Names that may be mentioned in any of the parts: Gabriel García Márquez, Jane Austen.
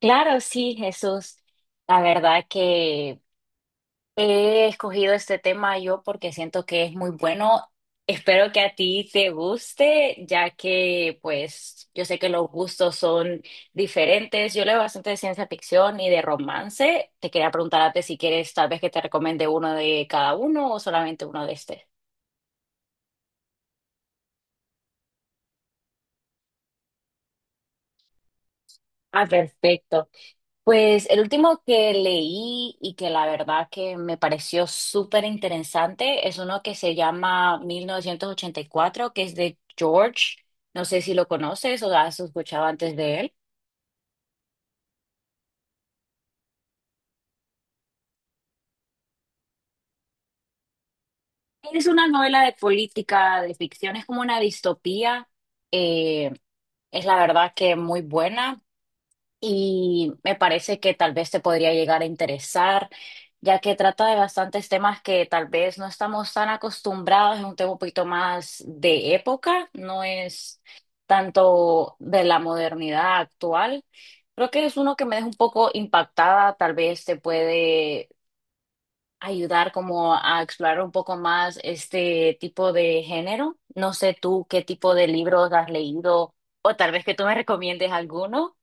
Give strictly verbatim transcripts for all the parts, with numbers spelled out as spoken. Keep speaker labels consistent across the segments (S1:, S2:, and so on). S1: Claro, sí, Jesús. La verdad que he escogido este tema yo porque siento que es muy bueno. Espero que a ti te guste, ya que pues yo sé que los gustos son diferentes. Yo leo bastante de ciencia ficción y de romance. Te quería preguntarte si quieres tal vez que te recomiende uno de cada uno o solamente uno de este. Ah, perfecto. Pues el último que leí y que la verdad que me pareció súper interesante es uno que se llama mil novecientos ochenta y cuatro, que es de George. No sé si lo conoces o has escuchado antes de él. Es una novela de política, de ficción, es como una distopía. eh, es la verdad que muy buena, y me parece que tal vez te podría llegar a interesar, ya que trata de bastantes temas que tal vez no estamos tan acostumbrados, es un tema un poquito más de época, no es tanto de la modernidad actual. Creo que es uno que me deja un poco impactada, tal vez te puede ayudar como a explorar un poco más este tipo de género. No sé tú qué tipo de libros has leído o tal vez que tú me recomiendes alguno.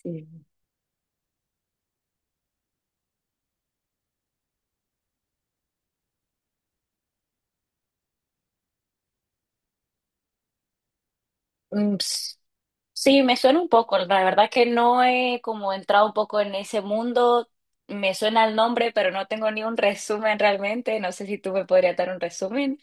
S1: Sí. Mm, sí, me suena un poco, la verdad que no he como entrado un poco en ese mundo, me suena el nombre, pero no tengo ni un resumen realmente, no sé si tú me podrías dar un resumen.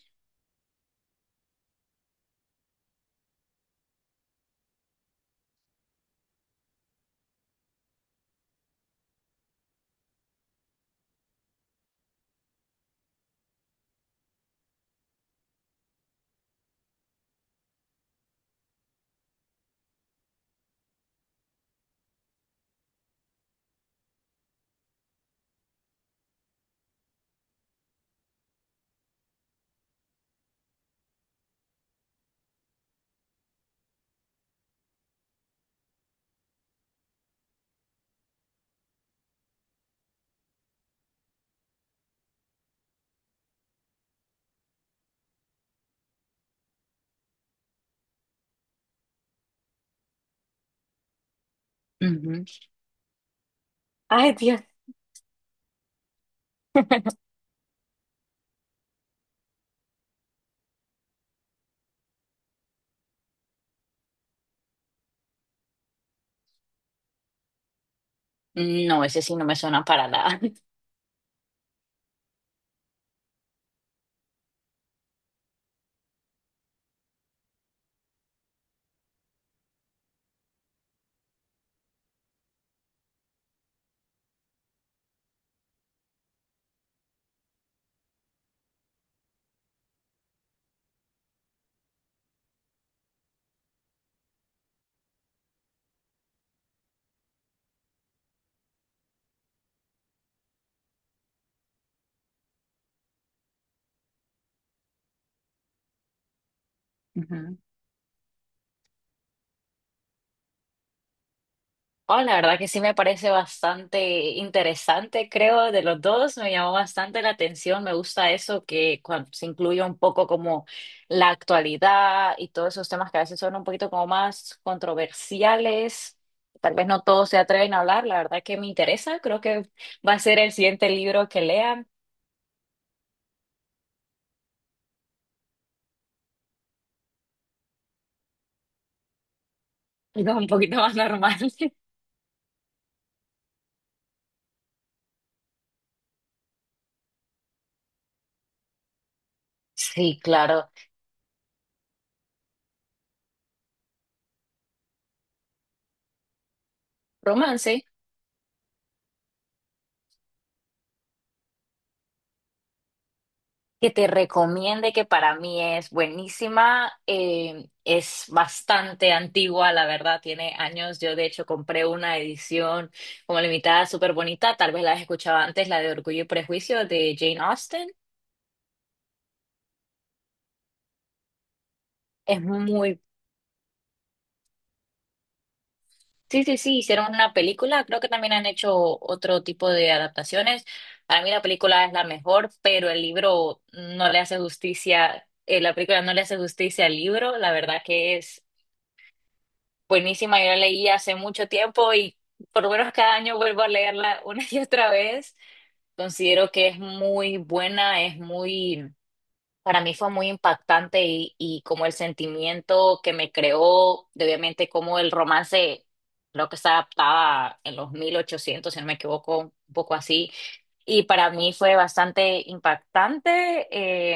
S1: Ujú. Ay, Dios. No, ese sí no me suena para nada. Ujú. Oh, la verdad que sí me parece bastante interesante, creo, de los dos. Me llamó bastante la atención. Me gusta eso que cuan- se incluye un poco como la actualidad y todos esos temas que a veces son un poquito como más controversiales. Tal vez no todos se atreven a hablar. La verdad que me interesa. Creo que va a ser el siguiente libro que lean. Algo un poquito más normal. Sí, claro. Romance. Que te recomiende, que para mí es buenísima, eh, es bastante antigua, la verdad, tiene años. Yo de hecho compré una edición como limitada, súper bonita, tal vez la has escuchado antes, la de Orgullo y Prejuicio de Jane Austen. Es muy... Sí, sí, sí, hicieron una película, creo que también han hecho otro tipo de adaptaciones. Para mí la película es la mejor, pero el libro no le hace justicia, eh, la película no le hace justicia al libro, la verdad que es buenísima, yo la leí hace mucho tiempo y por lo menos cada año vuelvo a leerla una y otra vez. Considero que es muy buena, es muy, para mí fue muy impactante y, y como el sentimiento que me creó, de obviamente como el romance, creo que se adaptaba en los mil ochocientos, si no me equivoco, un poco así, y para mí fue bastante impactante,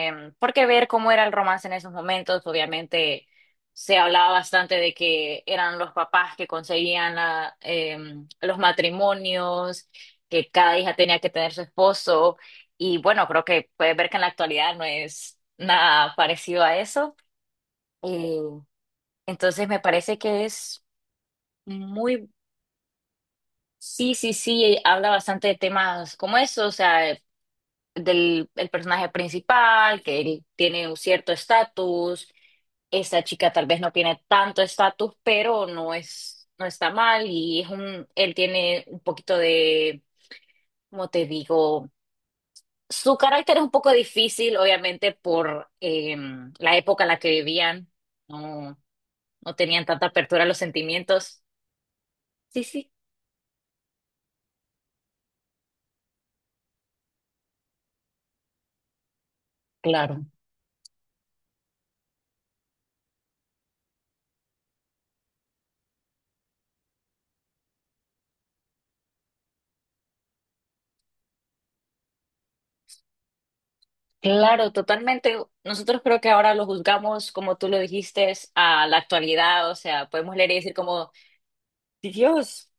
S1: eh, porque ver cómo era el romance en esos momentos, obviamente se hablaba bastante de que eran los papás que conseguían la, eh, los matrimonios, que cada hija tenía que tener su esposo, y bueno, creo que puedes ver que en la actualidad no es nada parecido a eso. Eh, entonces me parece que es muy, sí, sí, sí, habla bastante de temas como eso, o sea, del el personaje principal, que él tiene un cierto estatus, esta chica tal vez no tiene tanto estatus, pero no es, no está mal, y es un, él tiene un poquito de, como te digo? Su carácter es un poco difícil, obviamente, por eh, la época en la que vivían, no, no tenían tanta apertura a los sentimientos. Sí, sí. Claro. Claro, totalmente. Nosotros creo que ahora lo juzgamos, como tú lo dijiste, a la actualidad. O sea, podemos leer y decir como, "Sí, Dios,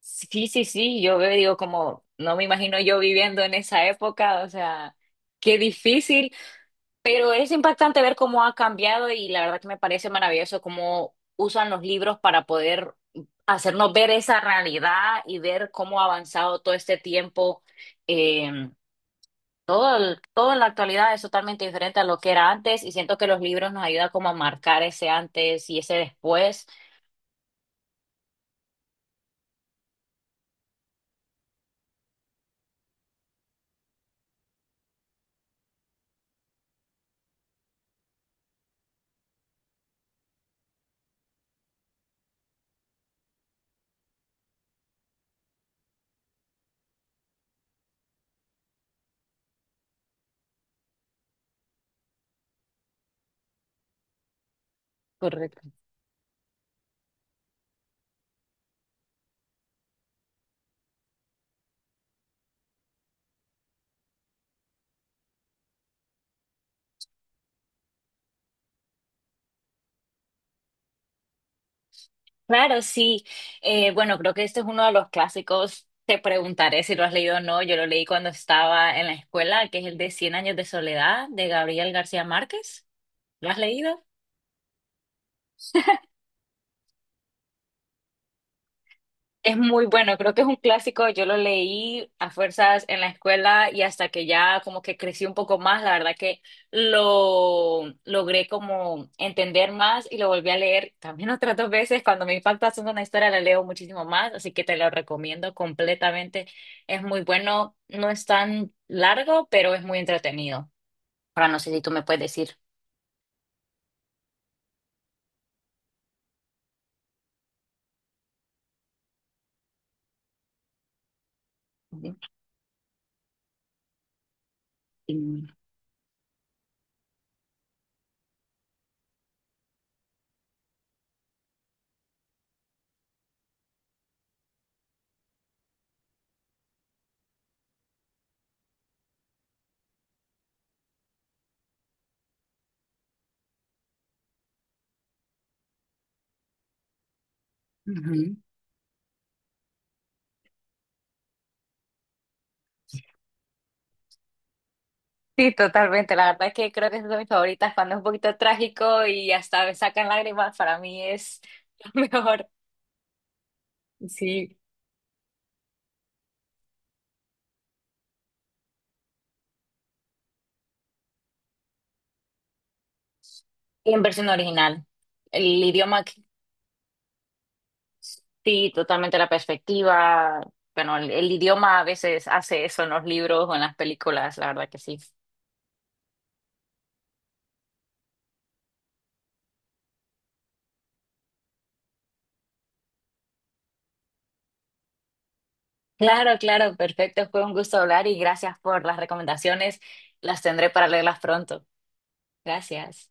S1: sí, sí, sí. Yo veo, y digo como, no me imagino yo viviendo en esa época. O sea, qué difícil." Pero es impactante ver cómo ha cambiado y la verdad que me parece maravilloso cómo usan los libros para poder hacernos ver esa realidad y ver cómo ha avanzado todo este tiempo. em, todo, el- Todo en la actualidad es totalmente diferente a lo que era antes y siento que los libros nos ayudan como a marcar ese antes y ese después. Correcto. Claro, sí. Eh, bueno, creo que este es uno de los clásicos. Te preguntaré si lo has leído o no. Yo lo leí cuando estaba en la escuela, que es el de Cien años de soledad de Gabriel García Márquez. ¿Lo has leído? Es muy bueno, creo que es un clásico, yo lo leí a fuerzas en la escuela y hasta que ya como que crecí un poco más, la verdad que lo logré como entender más y lo volví a leer también otras dos veces, cuando me impacta haciendo una historia la leo muchísimo más, así que te lo recomiendo completamente, es muy bueno, no es tan largo, pero es muy entretenido. Ahora no sé si tú me puedes decir. Ujú. Sí, totalmente. La verdad es que creo que esas son mis favoritas cuando es un poquito trágico y hasta me sacan lágrimas. Para mí es lo mejor. Sí. Y en versión original. El idioma, sí, totalmente la perspectiva. Bueno, el, el idioma a veces hace eso en los libros o en las películas, la verdad que sí. Claro, claro, perfecto. Fue un gusto hablar y gracias por las recomendaciones. Las tendré para leerlas pronto. Gracias.